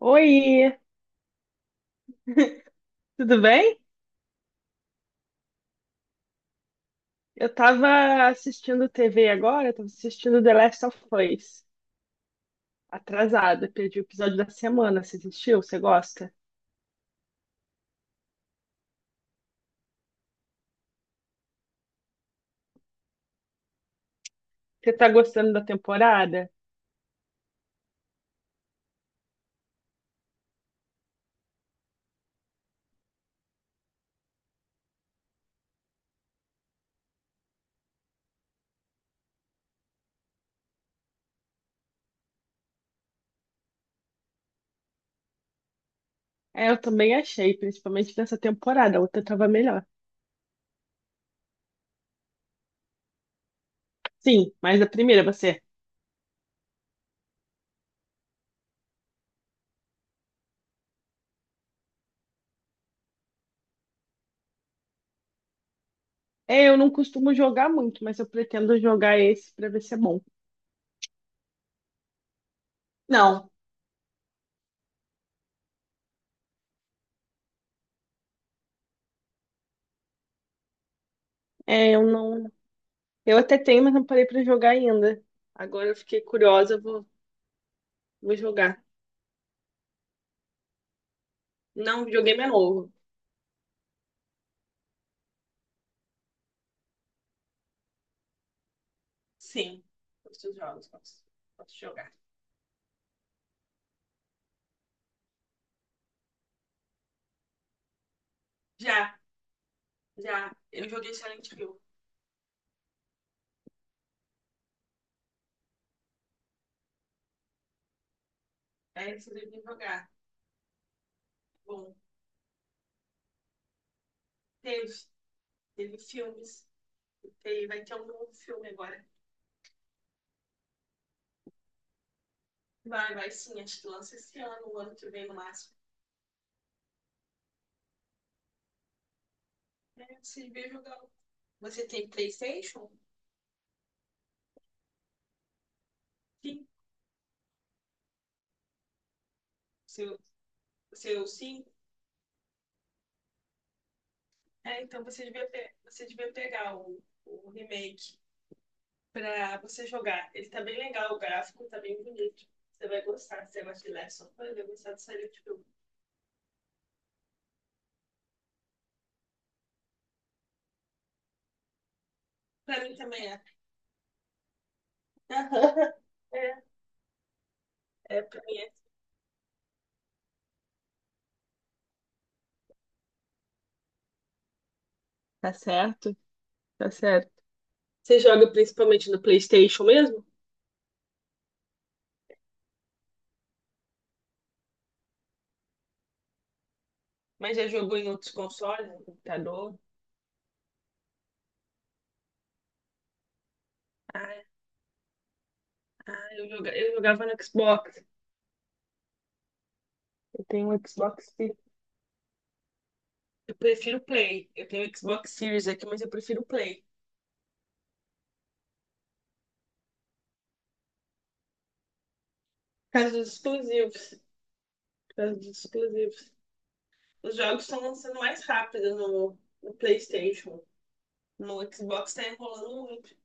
Oi, tudo bem? Eu tava assistindo TV agora, eu tava assistindo The Last of Us. Atrasada, perdi o episódio da semana. Você assistiu? Você gosta? Você tá gostando da temporada? É, eu também achei, principalmente nessa temporada. A outra tava melhor. Sim, mas a primeira você. É, eu não costumo jogar muito, mas eu pretendo jogar esse pra ver se é bom. Não, é, eu não. Eu até tenho, mas não parei pra jogar ainda. Agora eu fiquei curiosa, eu vou jogar. Não, videogame é novo. Sim, os seus jogos, posso jogar. Já, já, eu joguei Silent Hill. É, vocês devem jogar. Bom, teve, teve filmes, teve, vai ter um novo filme agora. Vai sim, acho que lança esse ano, o ano que vem no máximo. É, vocês devem jogar. Você tem PlayStation? Sim. Seu, seu sim? É, então você devia pegar o remake pra você jogar. Ele tá bem legal, o gráfico tá bem bonito. Você vai gostar, se você gosta de Last of Us, vai gostar do Silent Hill. Pra mim também é. Aham. É, é, pra mim é. Tá certo? Tá certo. Você joga principalmente no PlayStation mesmo? Mas já jogou em outros consoles, no computador? Ah, ah, eu jogava no Xbox. Eu tenho um Xbox Series. Eu prefiro o Play. Eu tenho o Xbox Series aqui, mas eu prefiro o Play. Por causa dos exclusivos. Por causa dos exclusivos. Os jogos estão lançando mais rápido no PlayStation. No Xbox tá enrolando muito.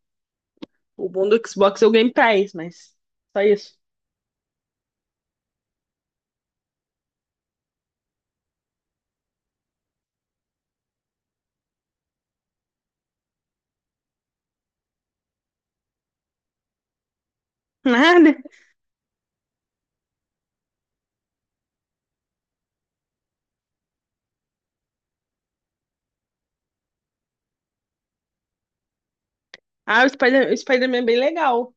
O bom do Xbox é o Game Pass, mas só isso. Nada. Ah, o Spider-Man é bem legal.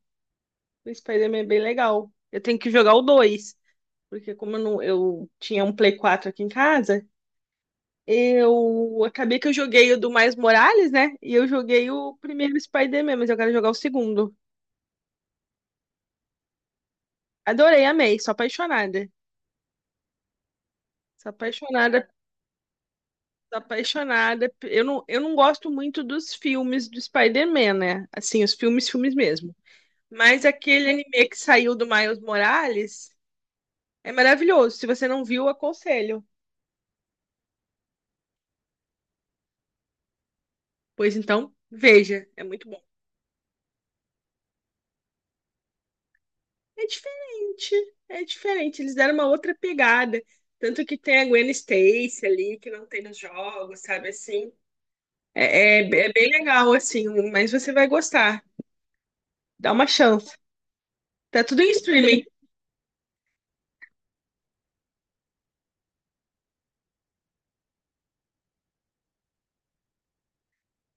O Spider-Man é bem legal. Eu tenho que jogar o 2, porque como eu, não- eu tinha um Play 4 aqui em casa, eu acabei que eu joguei o do Miles Morales, né? E eu joguei o primeiro Spider-Man, mas eu quero jogar o segundo. Adorei, amei, sou apaixonada. Sou apaixonada, sou apaixonada. Eu não gosto muito dos filmes do Spider-Man, né? Assim, os filmes, filmes mesmo. Mas aquele anime que saiu do Miles Morales é maravilhoso. Se você não viu, aconselho. Pois então, veja, é muito bom. É diferente, é diferente. Eles deram uma outra pegada. Tanto que tem a Gwen Stacy ali, que não tem nos jogos, sabe assim. É bem legal, assim, mas você vai gostar. Dá uma chance. Tá tudo em streaming.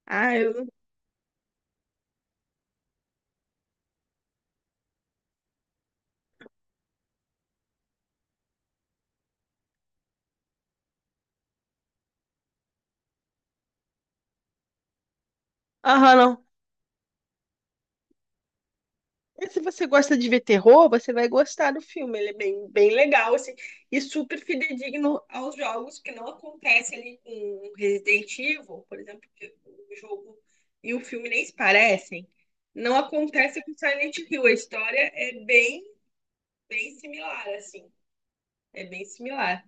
Ah, eu. Aham, não. E se você gosta de ver terror, você vai gostar do filme. Ele é bem, bem legal, assim, e super fidedigno aos jogos, que não acontece ali com Resident Evil, por exemplo, que o jogo e o filme nem se parecem. Não acontece com Silent Hill. A história é bem, bem similar, assim. É bem similar.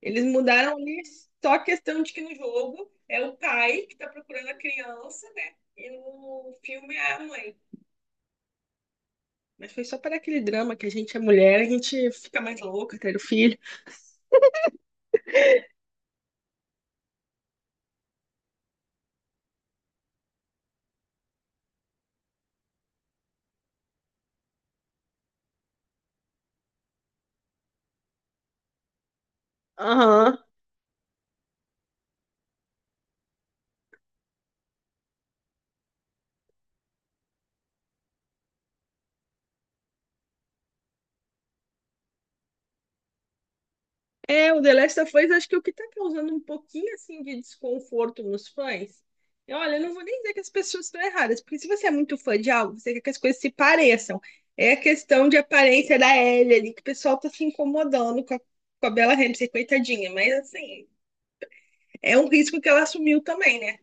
Eles mudaram ali só a questão de que no jogo é o pai que está procurando a criança, né? E no filme é a mãe. Mas foi só para aquele drama que a gente é mulher, a gente fica mais louca, ter o filho. Aham. É, o The Last of Us acho que é o que tá causando um pouquinho assim de desconforto nos fãs. E olha, eu não vou nem dizer que as pessoas estão erradas, porque se você é muito fã de algo, você quer que as coisas se pareçam. É a questão de aparência da Ellie ali, que o pessoal tá se incomodando com a Bella Ramsey, coitadinha. Mas assim, é um risco que ela assumiu também, né?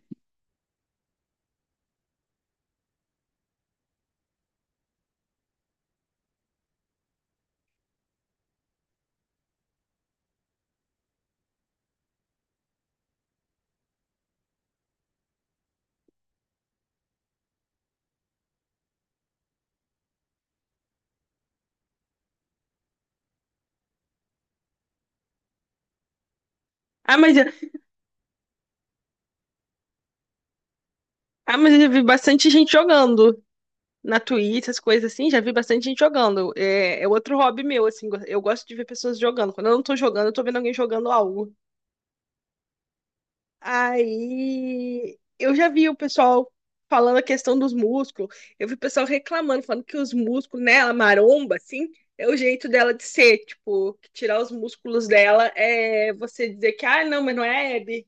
Ah, mas, eu- ah, mas eu vi bastante gente jogando na Twitch, essas coisas assim, já vi bastante gente jogando. É, é outro hobby meu, assim, eu gosto de ver pessoas jogando. Quando eu não tô jogando, eu tô vendo alguém jogando algo. Aí eu já vi o pessoal falando a questão dos músculos. Eu vi o pessoal reclamando, falando que os músculos nela, maromba, assim, é o jeito dela de ser. Tipo, que tirar os músculos dela é você dizer que, ah, não, mas não é hebe.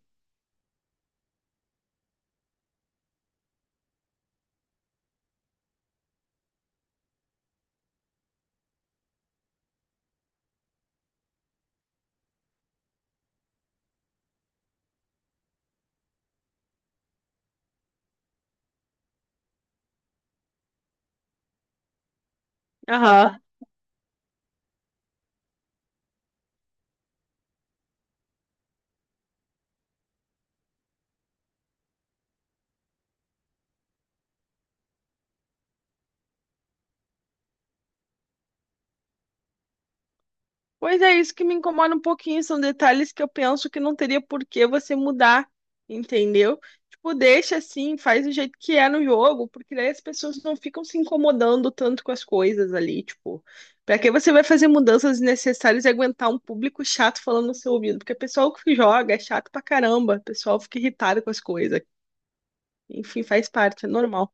Pois é, isso que me incomoda um pouquinho, são detalhes que eu penso que não teria por que você mudar, entendeu? Tipo, deixa assim, faz do jeito que é no jogo, porque daí as pessoas não ficam se incomodando tanto com as coisas ali, tipo, pra que você vai fazer mudanças desnecessárias e aguentar um público chato falando no seu ouvido? Porque o pessoal que joga é chato pra caramba, o pessoal fica irritado com as coisas. Enfim, faz parte, é normal.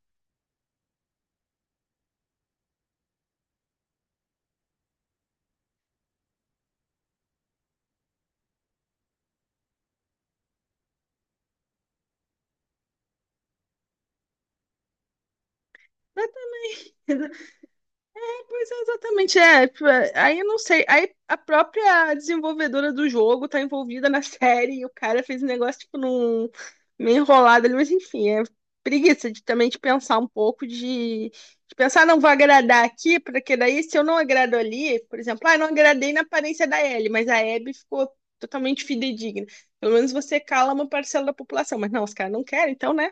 Pois é, exatamente, é, tipo, é. Aí eu não sei. Aí a própria desenvolvedora do jogo tá envolvida na série e o cara fez um negócio, tipo, num meio enrolado ali, mas enfim, é preguiça de também de pensar um pouco, de pensar, "Ah, não vou agradar aqui, porque daí se eu não agrado ali, por exemplo, ah, não agradei na aparência da Ellie, mas a Abby ficou totalmente fidedigna. Pelo menos você cala uma parcela da população, mas não, os caras não querem, então, né?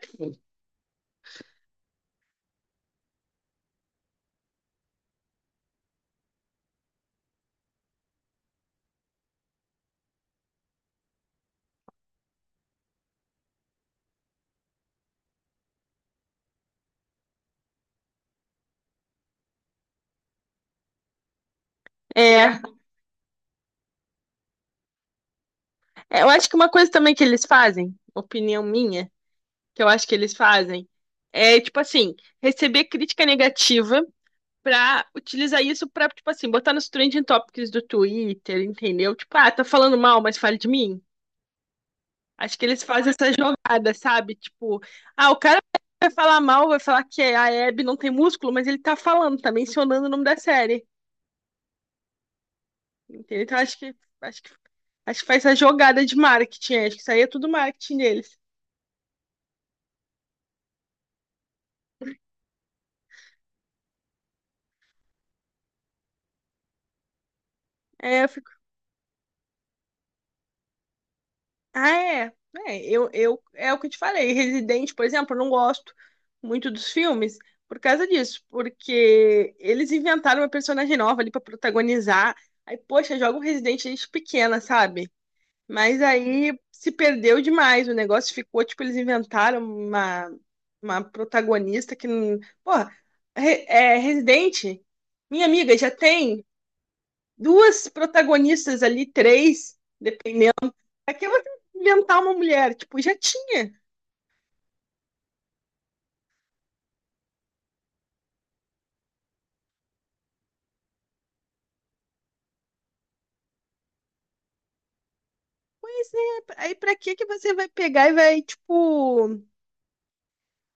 É, é, eu acho que uma coisa também que eles fazem, opinião minha, que eu acho que eles fazem, é tipo assim, receber crítica negativa pra utilizar isso pra, tipo assim, botar nos trending topics do Twitter, entendeu? Tipo, ah, tá falando mal, mas fale de mim. Acho que eles fazem essa jogada, sabe? Tipo, ah, o cara vai falar mal, vai falar que a Hebe não tem músculo, mas ele tá falando, tá mencionando o nome da série. Entendeu? Então acho que acho que faz essa jogada de marketing, acho que isso aí é tudo marketing deles. É, eu fico. Ah, é. É, eu, é o que eu te falei. Resident, por exemplo, eu não gosto muito dos filmes por causa disso, porque eles inventaram uma personagem nova ali pra protagonizar. Aí, poxa, joga um Resident desde pequena, sabe? Mas aí se perdeu demais. O negócio ficou, tipo, eles inventaram uma protagonista que. Não. Porra, Resident, minha amiga, já tem duas protagonistas ali, três. Aqui você inventar uma mulher, tipo, já tinha. Pois é, aí pra que que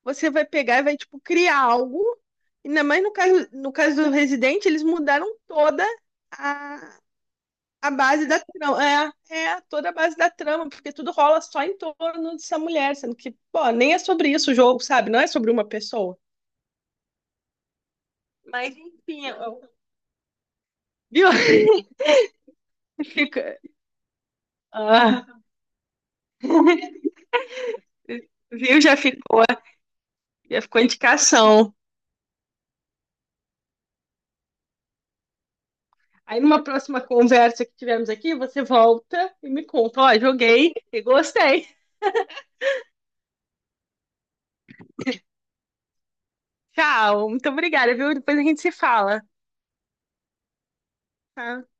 você vai pegar e vai, tipo, criar algo? Ainda mais no caso, no caso do Resident, eles mudaram toda a, a base da trama. É, é toda a base da trama, porque tudo rola só em torno dessa mulher, sendo que, pô, nem é sobre isso o jogo, sabe? Não é sobre uma pessoa. Mas enfim, eu. Viu? Fica- ah, Viu? Já ficou indicação. Aí numa próxima conversa que tivermos aqui, você volta e me conta, ó, joguei e gostei. Tchau, muito obrigada, viu? Depois a gente se fala. Tá?